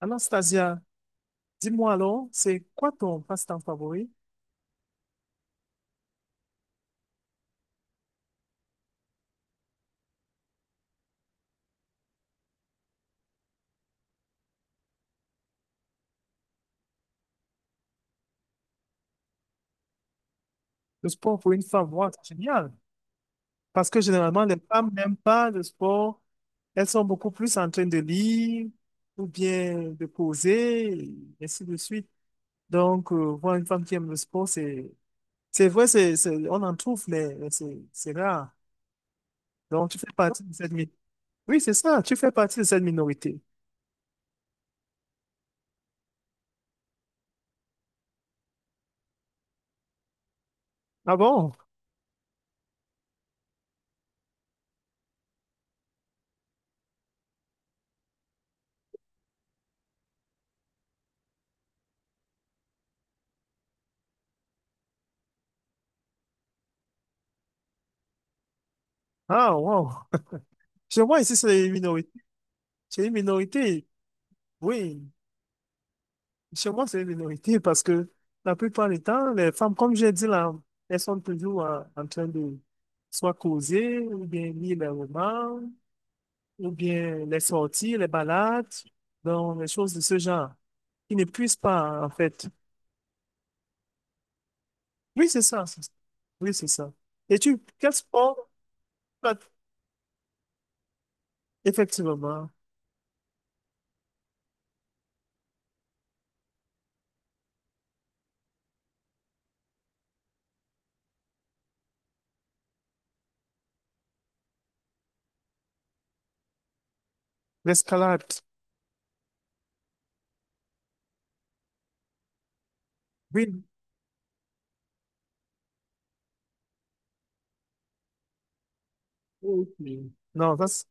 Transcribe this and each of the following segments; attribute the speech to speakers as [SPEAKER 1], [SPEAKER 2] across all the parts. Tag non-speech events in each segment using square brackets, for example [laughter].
[SPEAKER 1] Anastasia, dis-moi alors, c'est quoi ton passe-temps favori? Le sport pour une femme, wow, c'est génial. Parce que généralement, les femmes n'aiment pas le sport. Elles sont beaucoup plus en train de lire ou bien de poser, et ainsi de suite. Donc, voir une femme qui aime le sport, c'est vrai, on en trouve, mais c'est rare. Donc, tu fais partie de cette minorité. Oui, c'est ça, tu fais partie de cette minorité. Ah bon? Ah, wow. [laughs] Chez moi, ici, c'est une minorité. C'est une minorité. Oui. Chez moi, c'est une minorité parce que la plupart du temps, les femmes, comme j'ai dit là, elles sont toujours en train de soit causer, ou bien lire les romans, ou bien les sorties, les balades, donc les choses de ce genre. Ils ne puissent pas, en fait. Oui, c'est ça. C'est Oui, c'est ça. Et quel sport? Pas- Effectivement, l'escalade. Oui. Ok. Non,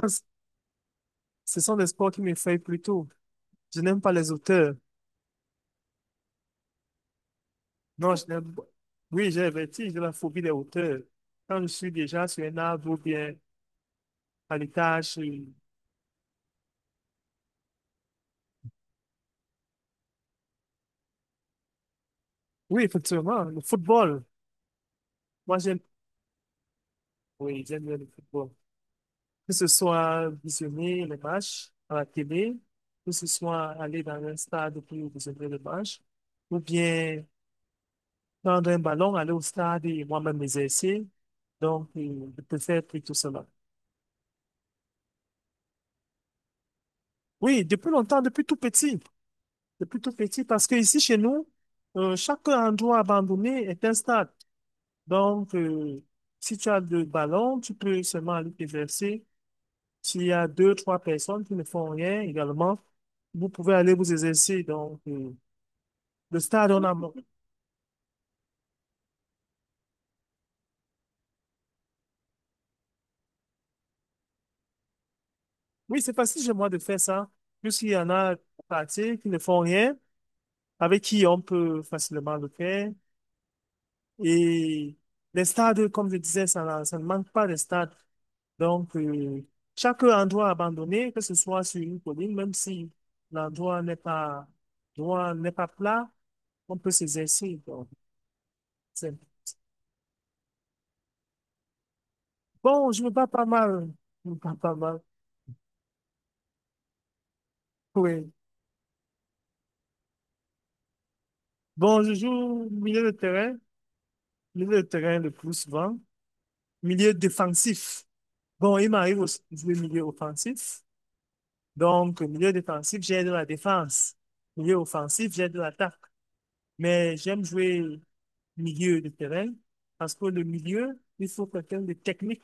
[SPEAKER 1] ça, c'est- ce sont des sports qui m'effraient plutôt. Je n'aime pas les auteurs. Non, pas. Oui, j'ai le vertige, j'ai la phobie des hauteurs. Quand je suis déjà sur un arbre ou bien à l'étage. Oui, effectivement, le football. Moi, j'aime, oui, j'aime bien le football. Que ce soit visionner les matchs à la télé, que ce soit aller dans un stade pour visionner les matchs, ou bien prendre un ballon, aller au stade et moi-même m'exercer. Donc, je préfère plutôt cela. Oui, depuis longtemps, depuis tout petit. C'est plutôt petit parce que ici chez nous, chaque endroit abandonné est un stade. Donc, si tu as deux ballons, tu peux seulement aller te verser. S'il y a deux, trois personnes qui ne font rien également, vous pouvez aller vous exercer. Donc, le stade, on a... Oui, c'est facile chez moi de faire ça. Puisqu'il y en a partie qui ne font rien, avec qui on peut facilement le faire. Et les stades, comme je disais, ça ne manque pas de stades. Donc, chaque endroit abandonné, que ce soit sur une colline, même si l'endroit n'est pas, l'endroit n'est pas plat, on peut s'exercer. Donc, c'est- bon, je me bats pas mal. Je me bats pas mal. Oui. Bon, je joue milieu de terrain le plus souvent, milieu défensif. Bon, il m'arrive aussi de jouer milieu offensif. Donc, milieu défensif, j'ai de la défense. Milieu offensif, j'ai de l'attaque. Mais j'aime jouer milieu de terrain parce que le milieu, il faut quelqu'un de technique.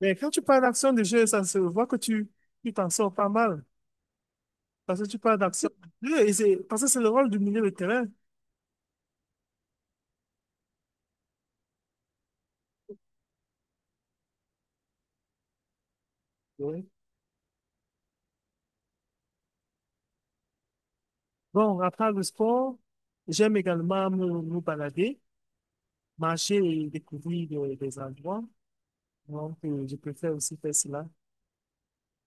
[SPEAKER 1] Mais quand tu parles d'action de jeu, ça se voit que tu t'en sors pas mal parce que tu parles d'action de jeu et c'est parce que c'est le rôle du milieu de terrain. Oui. Bon, après le sport, j'aime également me balader, marcher et découvrir des endroits. Donc, je préfère aussi faire cela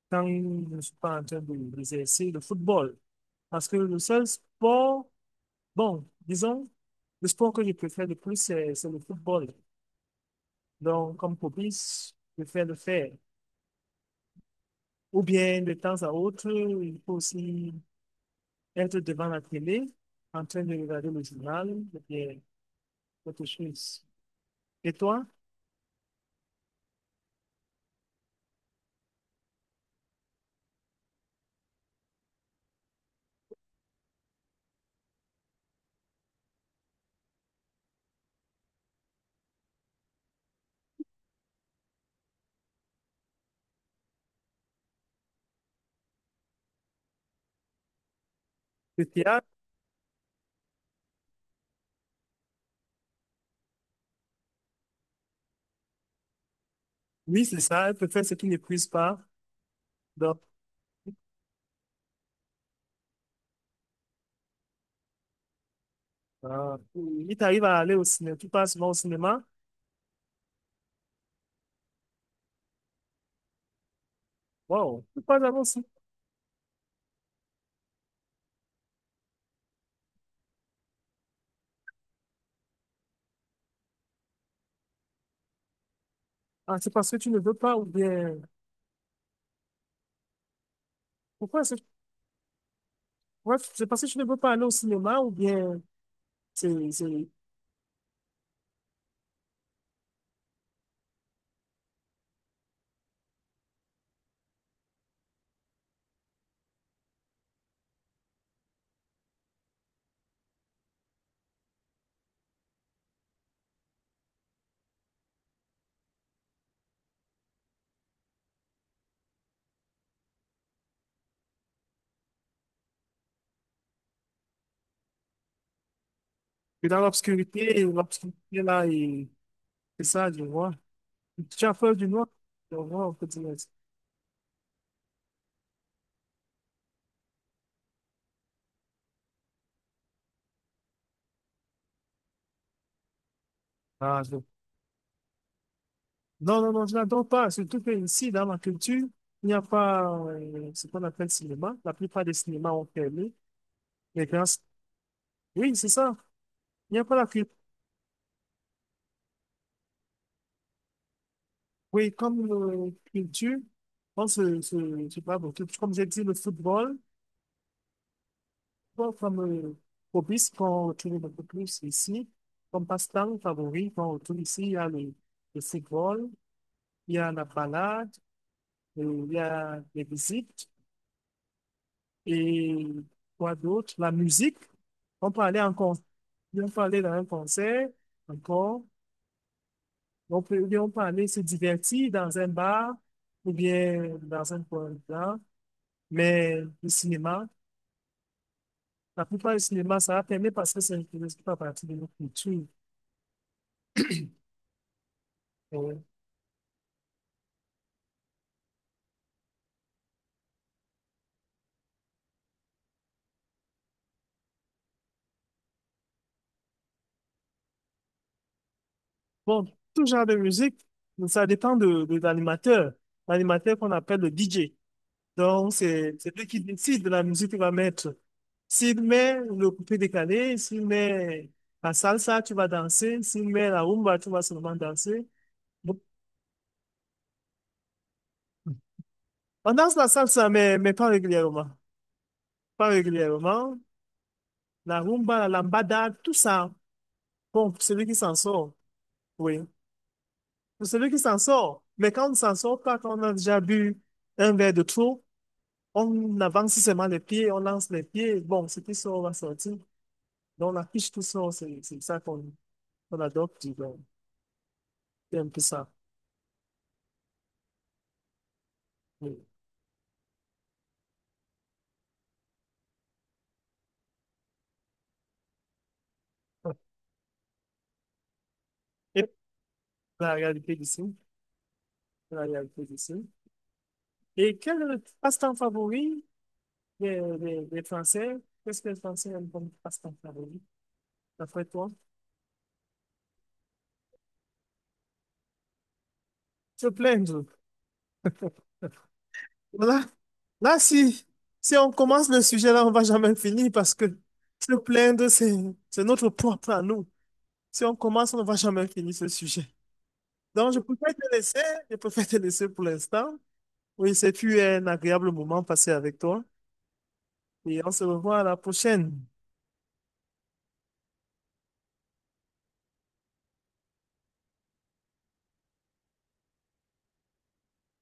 [SPEAKER 1] quand je ne suis pas d'exercer le football. Parce que le seul sport bon, disons, le sport que je préfère le plus, c'est le football. Donc, comme hobby, je préfère le faire. Ou bien, de temps à autre, il faut aussi être devant la télé, en train de regarder le journal, ou bien autre chose. Et toi, le théâtre? Oui, c'est ça, je préfère ce qui n'épuise pas. Donc, euh, il t'arrive à aller au cinéma, tu passes souvent au cinéma. Wow, pourquoi d'abord aussi? Ah, c'est parce que tu ne veux pas, ou bien, pourquoi c'est? Ouais, c'est parce que tu ne veux pas aller au cinéma, ou bien. C'est, c'est- Puis dans l'obscurité, l'obscurité là, et c'est ça, je vois. Tu as peur du noir? Je vois, on peut dire. Ah, non, non, non, je n'adore pas. Surtout que ici, dans la culture, il n'y a pas ce qu'on appelle cinéma. La plupart des cinémas ont fermé. Les grands... Oui, c'est ça. Il n'y a pas la culture. Oui, comme culture, on se parle beaucoup. Comme j'ai dit, le football, bon, comme hobby, ce qu'on retrouve beaucoup plus ici, comme passe-temps favori qu'on retrouve ici, il y a le football, il y a la balade, il y a les visites, et quoi d'autre? La musique. On peut aller en concert, on peut aller dans un concert, encore. On peut, ou bien on peut aller se divertir dans un bar, ou bien dans un coin blanc. Mais le cinéma, la plupart du cinéma, ça va permettre parce que ça ne fait pas partie de notre culture. Euh, Bon, tout genre de musique, ça dépend de l'animateur. L'animateur qu'on appelle le DJ. Donc, c'est lui qui décide de la musique qu'il va mettre. S'il met le coupé décalé, s'il met la salsa, tu vas danser. S'il met la rumba, tu vas seulement danser. Bon. On danse la salsa, mais pas régulièrement. Pas régulièrement. La rumba, la lambada, tout ça. Bon, pour celui qui s'en sort, oui. Pour celui qui s'en sort. Mais quand on ne s'en sort pas, quand on a déjà bu un verre de trop, on avance seulement les pieds, on lance les pieds. Bon, ce qui sort va sortir. Donc, la fiche tout sort, c'est ça qu'on. Voilà, donc, tu vois, un peu ça. Oui. Et [laughs] la réalité d'ici, la réalité d'ici. Et quel passe-temps favori des Français? Qu'est-ce que les Français aiment comme passe-temps favori, d'après toi? Se plaindre. Voilà. Là, si, si on commence le sujet, là, on va jamais finir parce que se plaindre, c'est notre propre à nous. Si on commence, on ne va jamais finir ce sujet. Donc, je préfère te laisser pour l'instant. Oui, c'est fut un agréable moment passé avec toi. Et on se revoit à la prochaine.